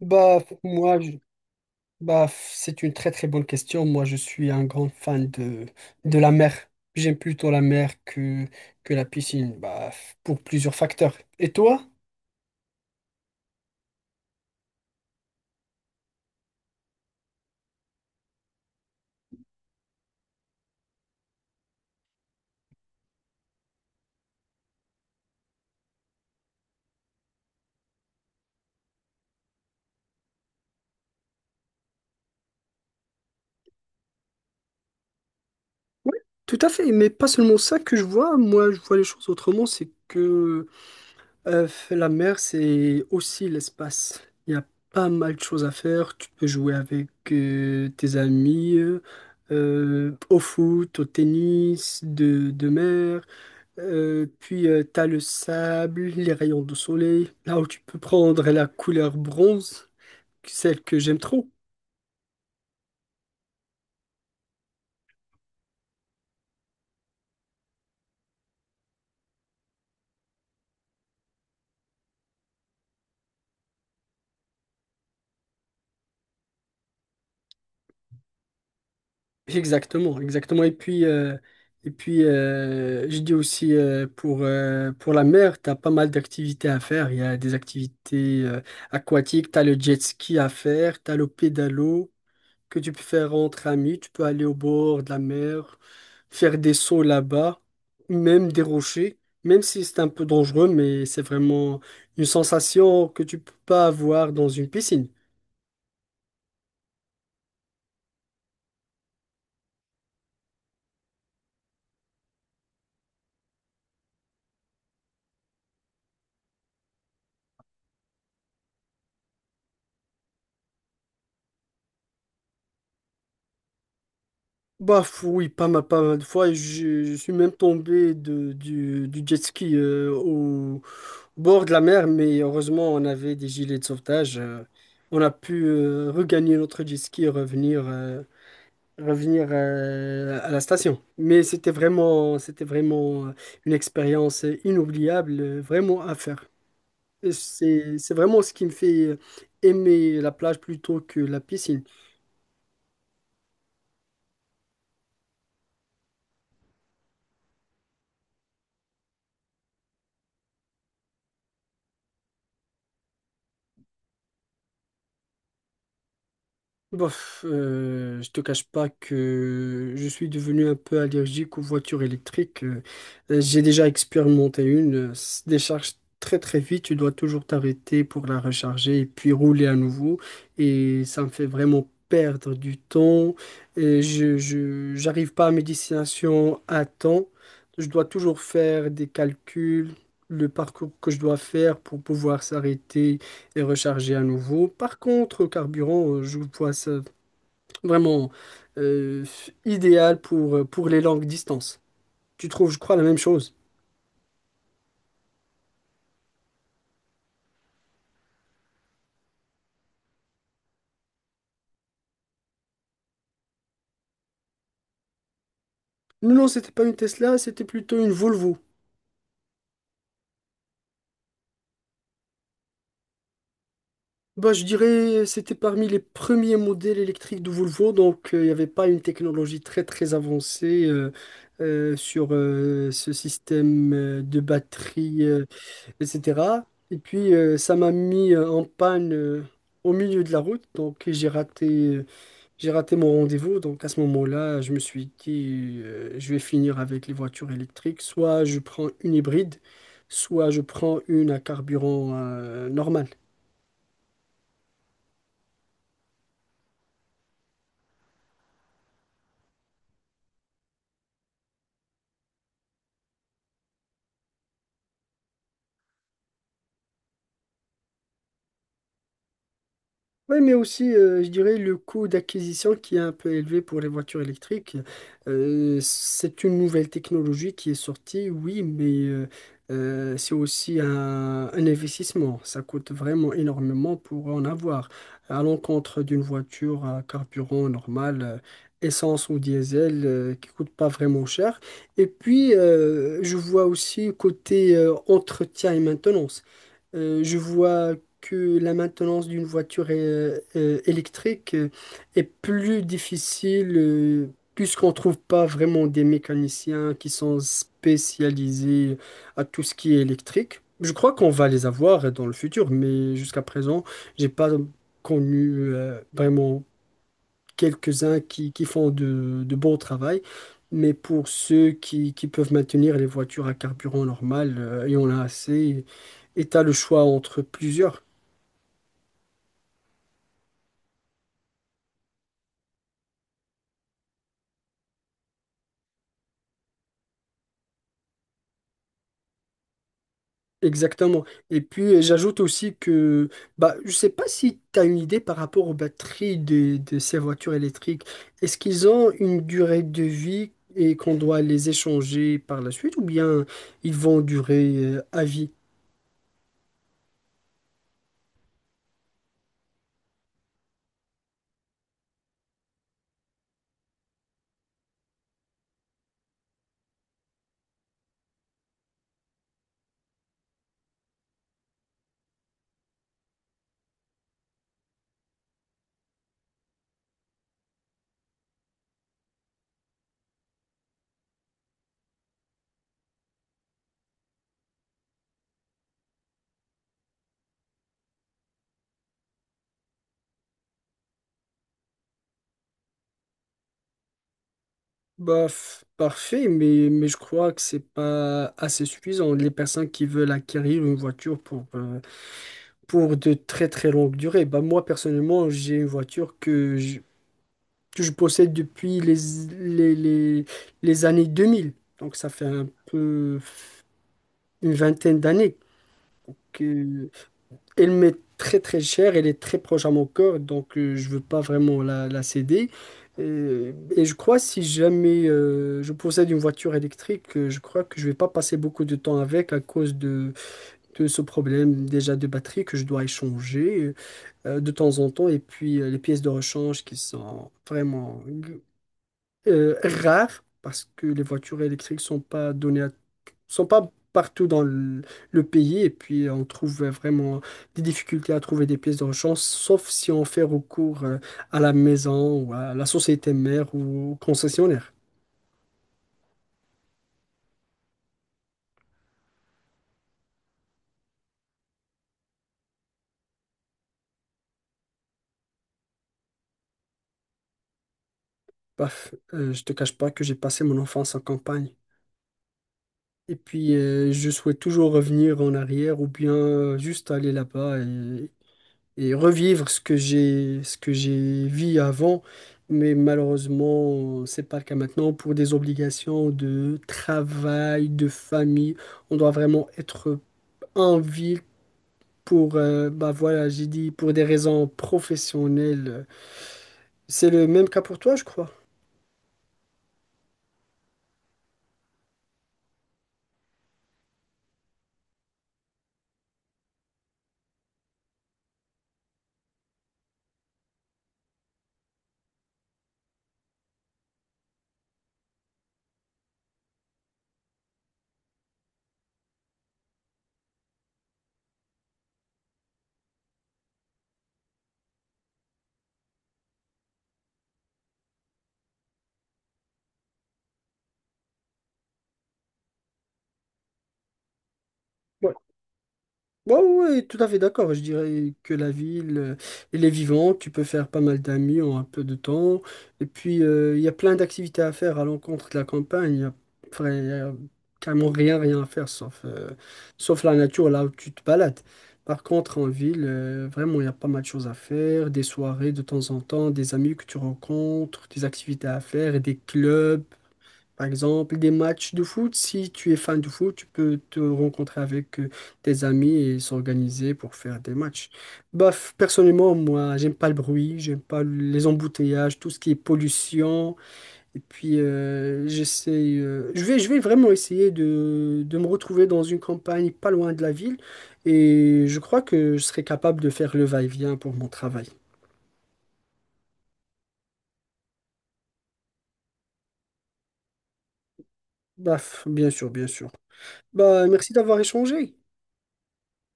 Bah, f- moi, je- bah, f- c'est une très très bonne question. Moi, je suis un grand fan de la mer. J'aime plutôt la mer que la piscine, pour plusieurs facteurs. Et toi? Oui, tout à fait, mais pas seulement ça que je vois. Moi, je vois les choses autrement. C'est que euh, la mer, c'est aussi l'espace. Il y a pas mal de choses à faire. Tu peux jouer avec tes amis, au foot, au tennis, de mer. Puis t'as le sable, les rayons de soleil, là où tu peux prendre la couleur bronze, celle que j'aime trop. Exactement, exactement. Et puis, je dis aussi pour la mer, t'as pas mal d'activités à faire. Il y a des activités aquatiques, t'as le jet ski à faire, t'as le pédalo que tu peux faire entre amis. Tu peux aller au bord de la mer, faire des sauts là-bas, même des rochers, même si c'est un peu dangereux, mais c'est vraiment une sensation que tu peux pas avoir dans une piscine. Oui, pas mal, pas mal de fois, et je suis même tombé du jet ski au bord de la mer, mais heureusement on avait des gilets de sauvetage. On a pu regagner notre jet ski et revenir. Revenir à la station. Mais c'était vraiment, c'était vraiment une expérience inoubliable, vraiment à faire. Et c'est vraiment ce qui me fait aimer la plage plutôt que la piscine. Je te cache pas que je suis devenu un peu allergique aux voitures électriques. J'ai déjà expérimenté une, se décharge très très vite, tu dois toujours t'arrêter pour la recharger et puis rouler à nouveau. Et ça me fait vraiment perdre du temps. Et j'arrive pas à mes destinations à temps. Je dois toujours faire des calculs, le parcours que je dois faire pour pouvoir s'arrêter et recharger à nouveau. Par contre, au carburant, je vois ça vraiment euh, idéal pour les longues distances. Tu trouves, je crois, la même chose. Non, non, c'était pas une Tesla, c'était plutôt une Volvo. Bah, je dirais, c'était parmi les premiers modèles électriques de Volvo, donc il n'y avait pas une technologie très très avancée sur ce système de batterie, etc. Et puis, ça m'a mis en panne au milieu de la route, donc euh, j'ai raté mon rendez-vous, donc à ce moment-là, je me suis dit, je vais finir avec les voitures électriques. Soit je prends une hybride, soit je prends une à carburant normal. Oui, mais aussi, je dirais, le coût d'acquisition qui est un peu élevé pour les voitures électriques. C'est une nouvelle technologie qui est sortie, oui, mais c'est aussi un investissement. Ça coûte vraiment énormément pour en avoir. À l'encontre d'une voiture à carburant normal, essence ou diesel, qui coûte pas vraiment cher. Et puis, je vois aussi côté entretien et maintenance. Je vois que la maintenance d'une voiture électrique est plus difficile, puisqu'on ne trouve pas vraiment des mécaniciens qui sont spécialisés à tout ce qui est électrique. Je crois qu'on va les avoir dans le futur, mais jusqu'à présent, j'ai pas connu vraiment quelques-uns qui font de bons travail. Mais pour ceux qui peuvent maintenir les voitures à carburant normal, il y en a assez. Et tu as le choix entre plusieurs. Exactement. Et puis, j'ajoute aussi que bah, je sais pas si tu as une idée par rapport aux batteries de ces voitures électriques. Est-ce qu'ils ont une durée de vie et qu'on doit les échanger par la suite ou bien ils vont durer à vie? Parfait, mais je crois que c'est pas assez suffisant. Les personnes qui veulent acquérir une voiture pour de très très longues durées. Bah, moi, personnellement, j'ai une voiture que je possède depuis les, les, les années 2000. Donc ça fait un peu une vingtaine d'années que elle m'est très très chère, elle est très proche à mon cœur, donc je veux pas vraiment la céder. Et je crois si jamais je possède une voiture électrique, je crois que je vais pas passer beaucoup de temps avec à cause de ce problème déjà de batterie que je dois échanger de temps en temps et puis les pièces de rechange qui sont vraiment rare parce que les voitures électriques sont pas partout dans le pays et puis on trouve vraiment des difficultés à trouver des pièces de rechange, sauf si on fait recours à la maison ou à la société mère ou au concessionnaire. Je te cache pas que j'ai passé mon enfance en campagne. Et puis, je souhaite toujours revenir en arrière ou bien juste aller là-bas et revivre ce que j'ai vu avant. Mais malheureusement, c'est pas le cas maintenant. Pour des obligations de travail, de famille, on doit vraiment être en ville pour, bah voilà, j'ai dit, pour des raisons professionnelles. C'est le même cas pour toi, je crois. Ouais, ouais, ouais, tout à fait d'accord. Je dirais que la ville, elle est vivante, tu peux faire pas mal d'amis en un peu de temps. Et puis, il y a plein d'activités à faire à l'encontre de la campagne. Il y a carrément rien, rien à faire, sauf, sauf la nature, là où tu te balades. Par contre, en ville, vraiment, il y a pas mal de choses à faire, des soirées de temps en temps, des amis que tu rencontres, des activités à faire, et des clubs. Par exemple, des matchs de foot, si tu es fan de foot, tu peux te rencontrer avec tes amis et s'organiser pour faire des matchs. Personnellement, moi, j'aime pas le bruit, j'aime pas les embouteillages, tout ce qui est pollution. Et puis, je vais vraiment essayer de me retrouver dans une campagne pas loin de la ville. Et je crois que je serai capable de faire le va-et-vient pour mon travail. Bien sûr, bien sûr. Bah, merci d'avoir échangé.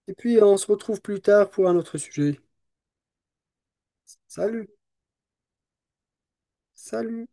Et puis, on se retrouve plus tard pour un autre sujet. Salut, salut.